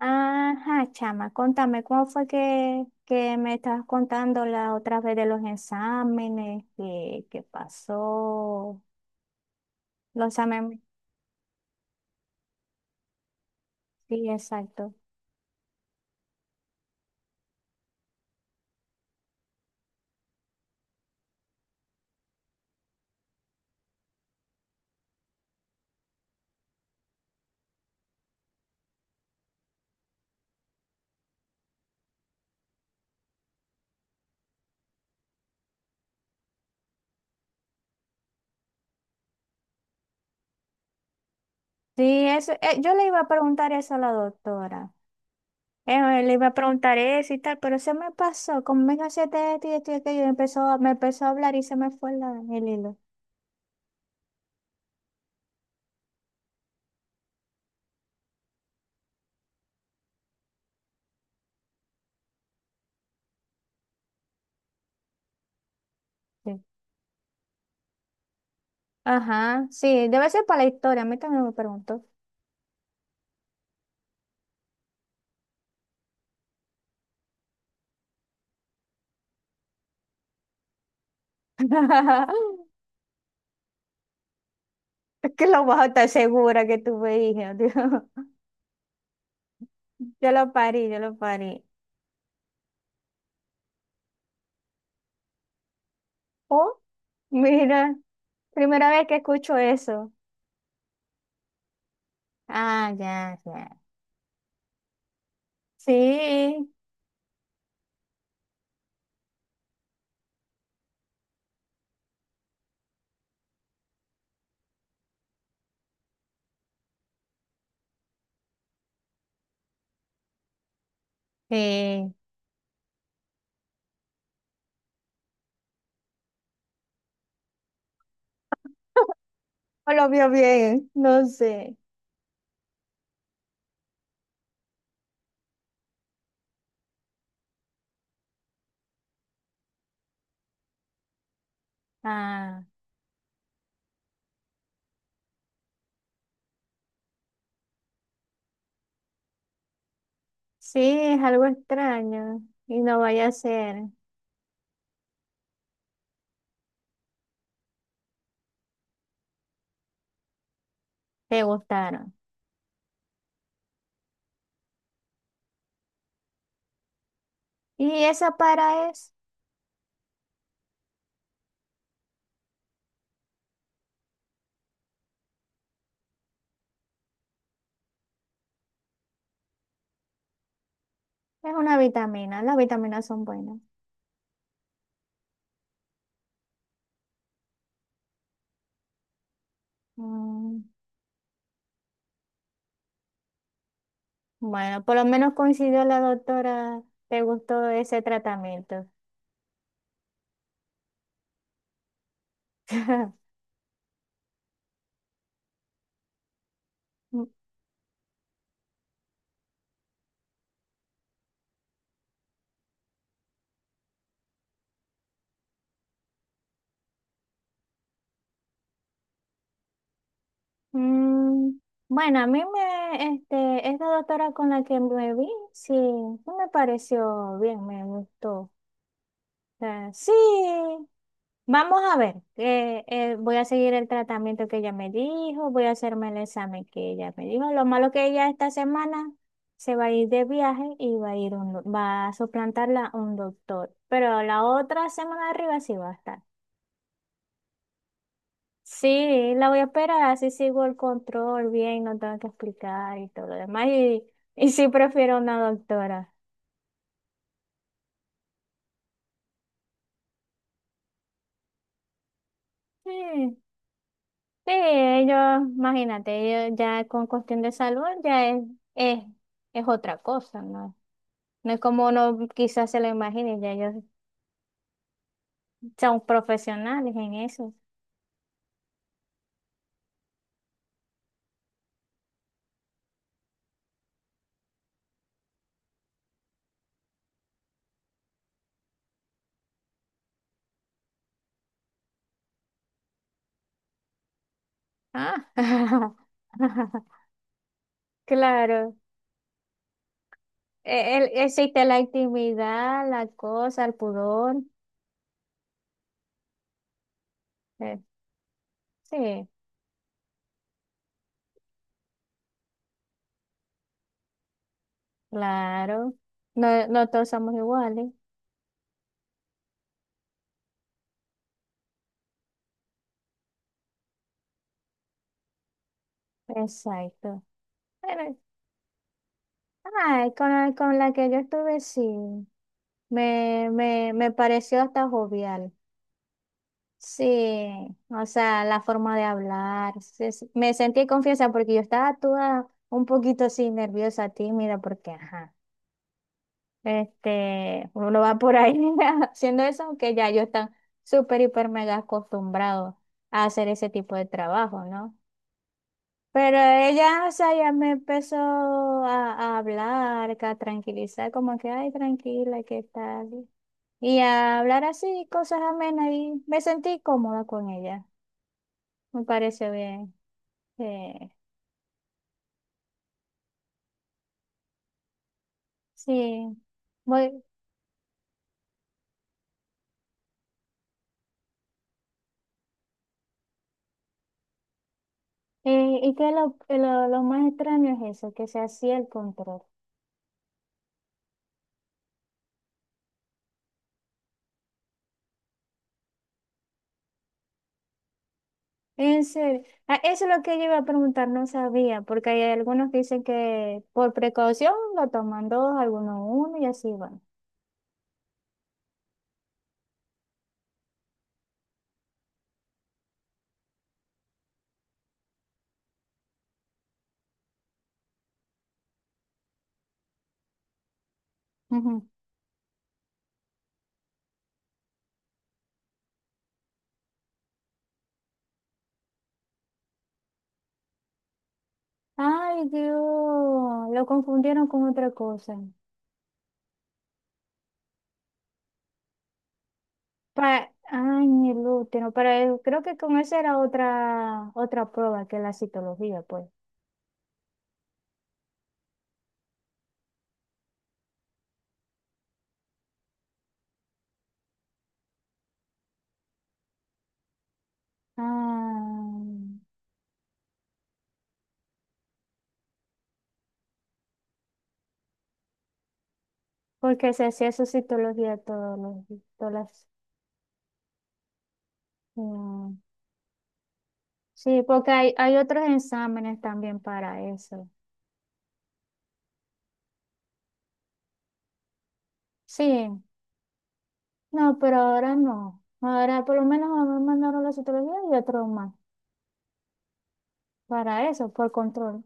Ajá, chama, contame, ¿cómo fue que me estabas contando la otra vez de los exámenes? ¿Qué pasó? Los exámenes, sí, exacto. Sí, eso, yo le iba a preguntar eso a la doctora. Le iba a preguntar eso y tal, pero se me pasó, como me cansé esto y esto y aquello, y me empezó a hablar y se me fue el hilo. Sí. Ajá, sí, debe ser para la historia, a mí también me preguntó. Es que lo vas a estar segura que tuve hija, Dios. Yo lo parí, yo lo parí. Oh, mira, primera vez que escucho eso. Ah, ya, ya. Sí, sí. O lo vio bien, no sé. Ah, sí, es algo extraño y no vaya a ser. Te gustaron. Y esa para es una vitamina, las vitaminas son buenas. Mm, bueno, por lo menos coincidió la doctora, te gustó ese tratamiento. Mm, bueno, a mí me, esta doctora con la que me vi, sí, sí me pareció bien, me gustó. O sea, sí, vamos a ver, voy a seguir el tratamiento que ella me dijo, voy a hacerme el examen que ella me dijo. Lo malo que ella esta semana se va a ir de viaje y va a ir va a suplantarla un doctor, pero la otra semana de arriba sí va a estar. Sí, la voy a esperar, así sigo el control bien, no tengo que explicar y todo lo demás. Y sí prefiero una doctora. Sí, sí, ellos, imagínate, ellos ya con cuestión de salud ya es, es otra cosa, ¿no? No es como uno quizás se lo imagine, ya ellos son profesionales en eso. Ah, claro. Existe la intimidad, la cosa, el pudor. eh, sí. Claro, no, no todos somos iguales. Exacto. Pero, ay, con la que yo estuve, sí, me pareció hasta jovial. Sí, o sea, la forma de hablar. Me sentí confianza porque yo estaba toda un poquito así nerviosa, tímida, porque, ajá, uno va por ahí haciendo eso, aunque ya yo están súper, hiper, mega acostumbrado a hacer ese tipo de trabajo, ¿no? Pero ella, o sea, ya me empezó a hablar, que a tranquilizar, como que, ay, tranquila, ¿qué tal? Y a hablar así, cosas amenas, y me sentí cómoda con ella. Me pareció bien. Eh, sí. Voy- y que lo más extraño es eso, que se hacía el control. En serio. Ah, eso es lo que yo iba a preguntar, no sabía, porque hay algunos que dicen que por precaución lo toman dos, algunos uno, y así van. Ay, Dios, lo confundieron con otra cosa. Pa Ay, mi útero, pero creo que con esa era otra prueba que la citología, pues. Ah, porque se hacía su citología todos los, mm, Sí, porque hay otros exámenes también para eso. Sí, no, pero ahora no. Ahora por lo menos a mí me mandaron la citología y otro más para eso, por control,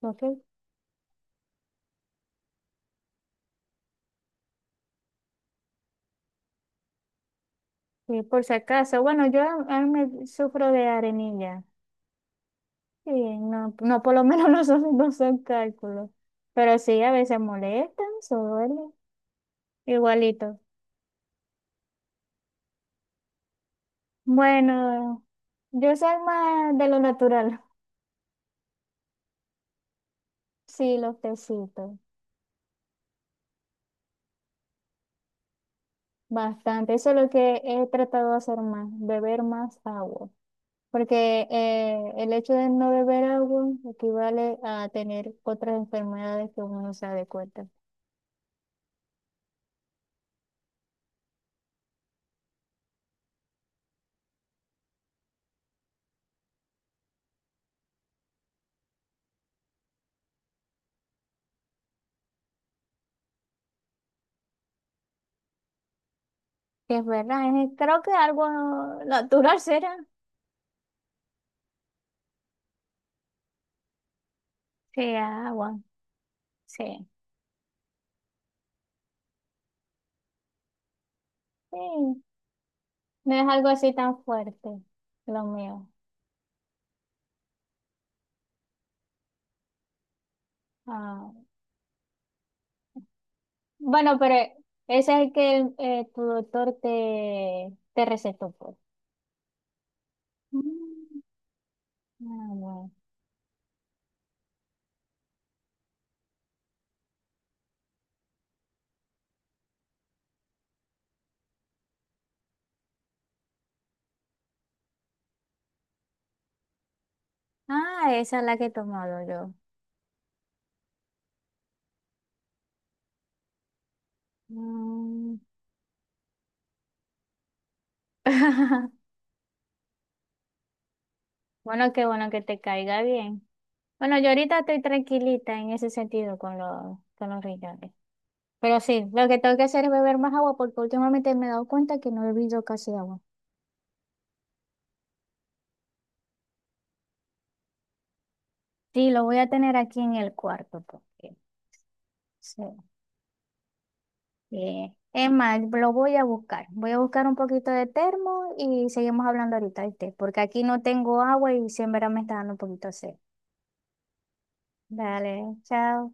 ¿ok? Sí, por si acaso. Bueno, yo a mí me sufro de arenilla. Sí, no, no, por lo menos no son cálculos. Pero sí, a veces molestan, se duele. Igualito. Bueno, yo soy más de lo natural. Sí, los tecitos. Bastante. Eso es lo que he tratado de hacer más, beber más agua. Porque el hecho de no beber agua equivale a tener otras enfermedades que uno no se da de cuenta. Sí, es verdad, creo que algo natural será. Sí, agua, sí. Sí, no es algo así tan fuerte, lo mío. Ah, bueno, pero ese es el que tu doctor te recetó, pues. Mm, ah, bueno. Ah, esa es la que he tomado yo. Mm. Bueno, qué bueno que te caiga bien. Bueno, yo ahorita estoy tranquilita en ese sentido con los riñones. Pero sí, lo que tengo que hacer es beber más agua porque últimamente me he dado cuenta que no he bebido casi agua. Sí, lo voy a tener aquí en el cuarto porque sí. Es más, lo voy a buscar. Voy a buscar un poquito de termo y seguimos hablando ahorita, ¿viste? Porque aquí no tengo agua y siempre me está dando un poquito de sed. Dale, chao.